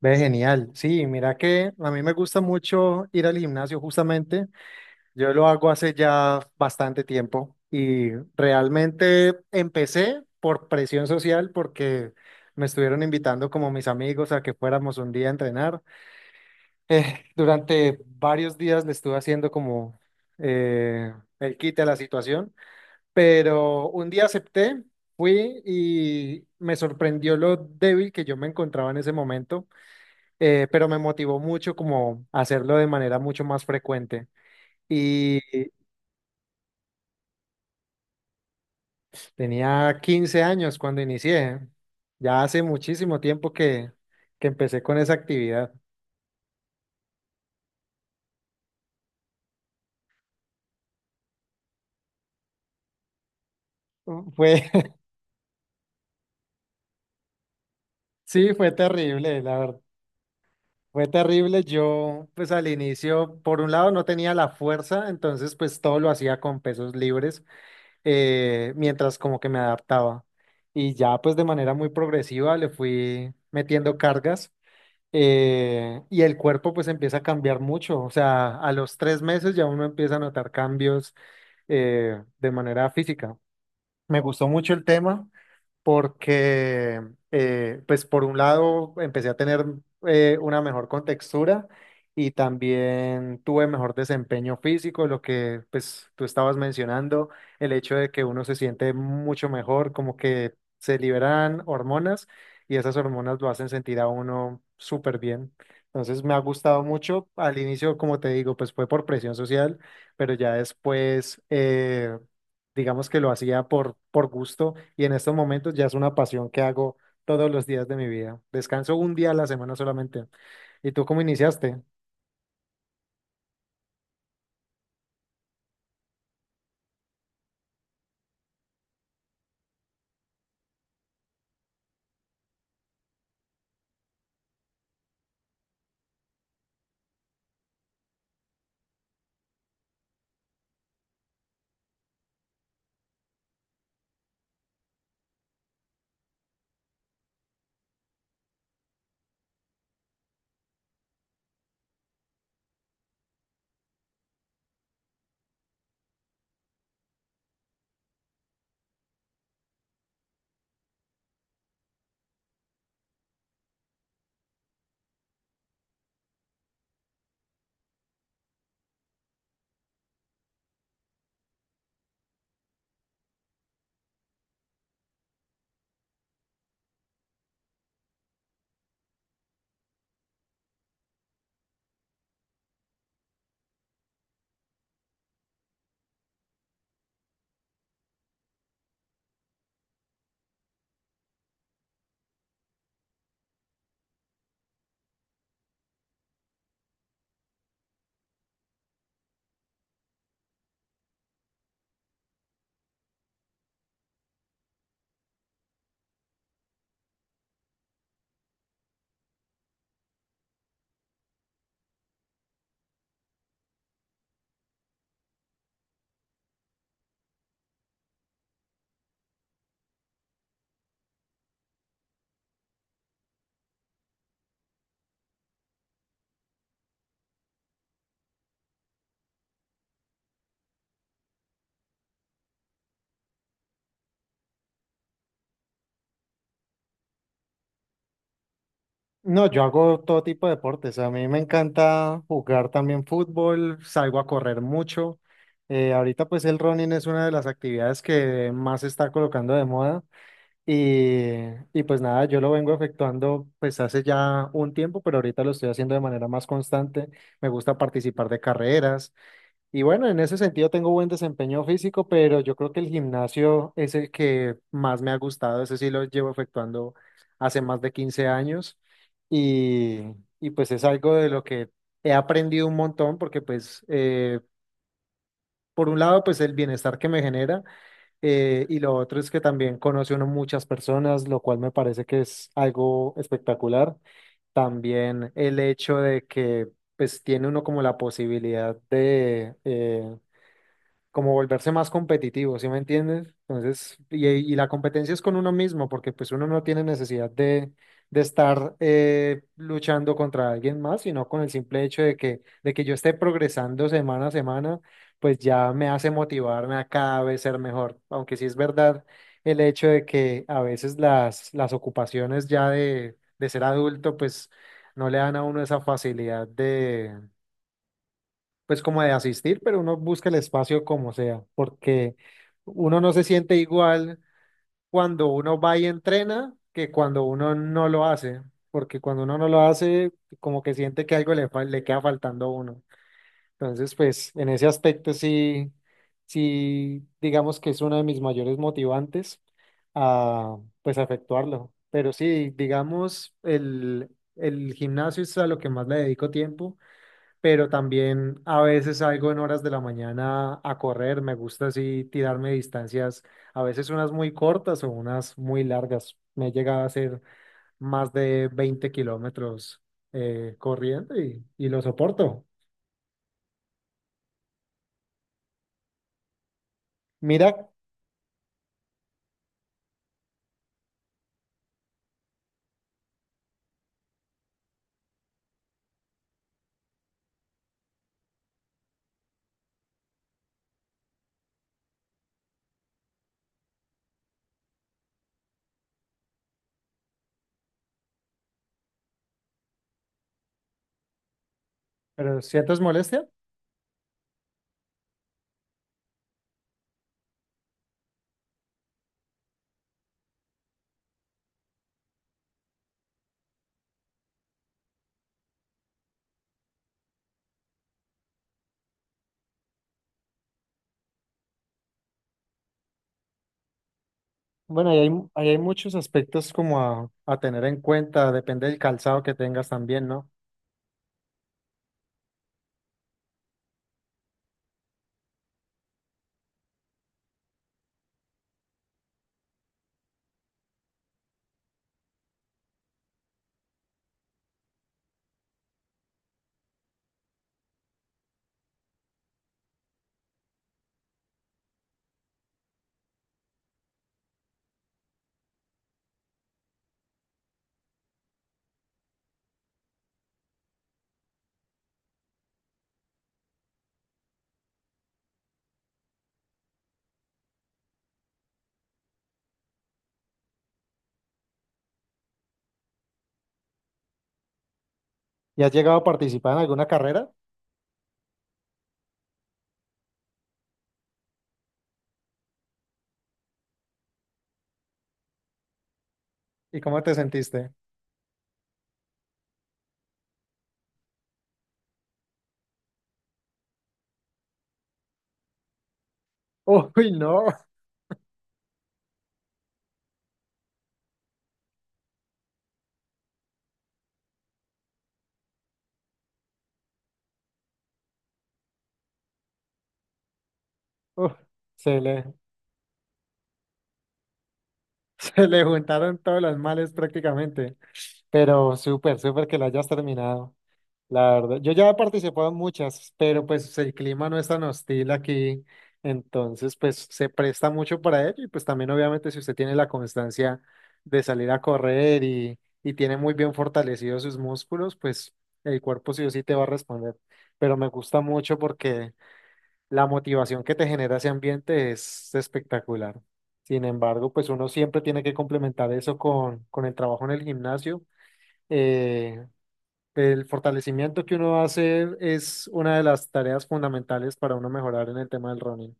Ve, genial. Sí, mira que a mí me gusta mucho ir al gimnasio justamente. Yo lo hago hace ya bastante tiempo y realmente empecé por presión social porque me estuvieron invitando como mis amigos a que fuéramos un día a entrenar. Durante varios días le estuve haciendo como eh, el quite a la situación, pero un día acepté, fui y me sorprendió lo débil que yo me encontraba en ese momento, pero me motivó mucho como a hacerlo de manera mucho más frecuente. Y tenía 15 años cuando inicié. Ya hace muchísimo tiempo que empecé con esa actividad. Fue, sí, fue terrible, la verdad. Fue terrible. Yo, pues al inicio, por un lado no tenía la fuerza, entonces pues todo lo hacía con pesos libres, mientras como que me adaptaba. Y ya pues de manera muy progresiva le fui metiendo cargas. Y el cuerpo pues empieza a cambiar mucho, o sea, a los 3 meses ya uno empieza a notar cambios, de manera física. Me gustó mucho el tema, porque, pues por un lado, empecé a tener una mejor contextura y también tuve mejor desempeño físico, lo que pues tú estabas mencionando, el hecho de que uno se siente mucho mejor, como que se liberan hormonas y esas hormonas lo hacen sentir a uno súper bien. Entonces me ha gustado mucho. Al inicio, como te digo, pues fue por presión social, pero ya después digamos que lo hacía por gusto y en estos momentos ya es una pasión que hago todos los días de mi vida. Descanso un día a la semana solamente. ¿Y tú cómo iniciaste? No, yo hago todo tipo de deportes. A mí me encanta jugar también fútbol, salgo a correr mucho. Ahorita pues el running es una de las actividades que más se está colocando de moda y, y pues nada, yo lo vengo efectuando pues hace ya un tiempo, pero ahorita lo estoy haciendo de manera más constante. Me gusta participar de carreras, y bueno, en ese sentido tengo buen desempeño físico, pero yo creo que el gimnasio es el que más me ha gustado. Ese sí lo llevo efectuando hace más de 15 años y, y pues es algo de lo que he aprendido un montón porque pues por un lado pues el bienestar que me genera, y lo otro es que también conoce uno muchas personas, lo cual me parece que es algo espectacular. También el hecho de que pues tiene uno como la posibilidad de... como volverse más competitivo, ¿sí me entiendes? Entonces, y la competencia es con uno mismo, porque pues uno no tiene necesidad de estar luchando contra alguien más, sino con el simple hecho de que yo esté progresando semana a semana, pues ya me hace motivarme a cada vez ser mejor. Aunque sí es verdad el hecho de que a veces las ocupaciones ya de ser adulto, pues no le dan a uno esa facilidad pues como de asistir, pero uno busca el espacio como sea, porque uno no se siente igual cuando uno va y entrena que cuando uno no lo hace, porque cuando uno no lo hace, como que siente que algo le, le queda faltando a uno. Entonces, pues en ese aspecto sí, sí, digamos que es uno de mis mayores motivantes a, pues, a efectuarlo. Pero sí, digamos, el gimnasio es a lo que más le dedico tiempo, pero también a veces salgo en horas de la mañana a correr. Me gusta así tirarme distancias, a veces unas muy cortas o unas muy largas. Me he llegado a hacer más de 20 kilómetros corriendo y lo soporto. Mira, pero ¿sientes molestia? Bueno, ahí hay, ahí hay muchos aspectos como a tener en cuenta, depende del calzado que tengas también, ¿no? ¿Y has llegado a participar en alguna carrera? ¿Y cómo te sentiste? Uy, no. Uf, se le, se le juntaron todos los males prácticamente, pero súper, súper que lo hayas terminado, la verdad. Yo ya he participado en muchas, pero pues el clima no es tan hostil aquí, entonces pues se presta mucho para ello y pues también obviamente si usted tiene la constancia de salir a correr y tiene muy bien fortalecidos sus músculos, pues el cuerpo sí o sí te va a responder. Pero me gusta mucho porque la motivación que te genera ese ambiente es espectacular. Sin embargo, pues uno siempre tiene que complementar eso con el trabajo en el gimnasio. Eh, el fortalecimiento que uno hace es una de las tareas fundamentales para uno mejorar en el tema del running.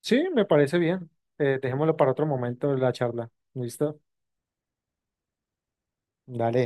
Sí, me parece bien. Dejémoslo para otro momento de la charla. ¿Listo? Dale.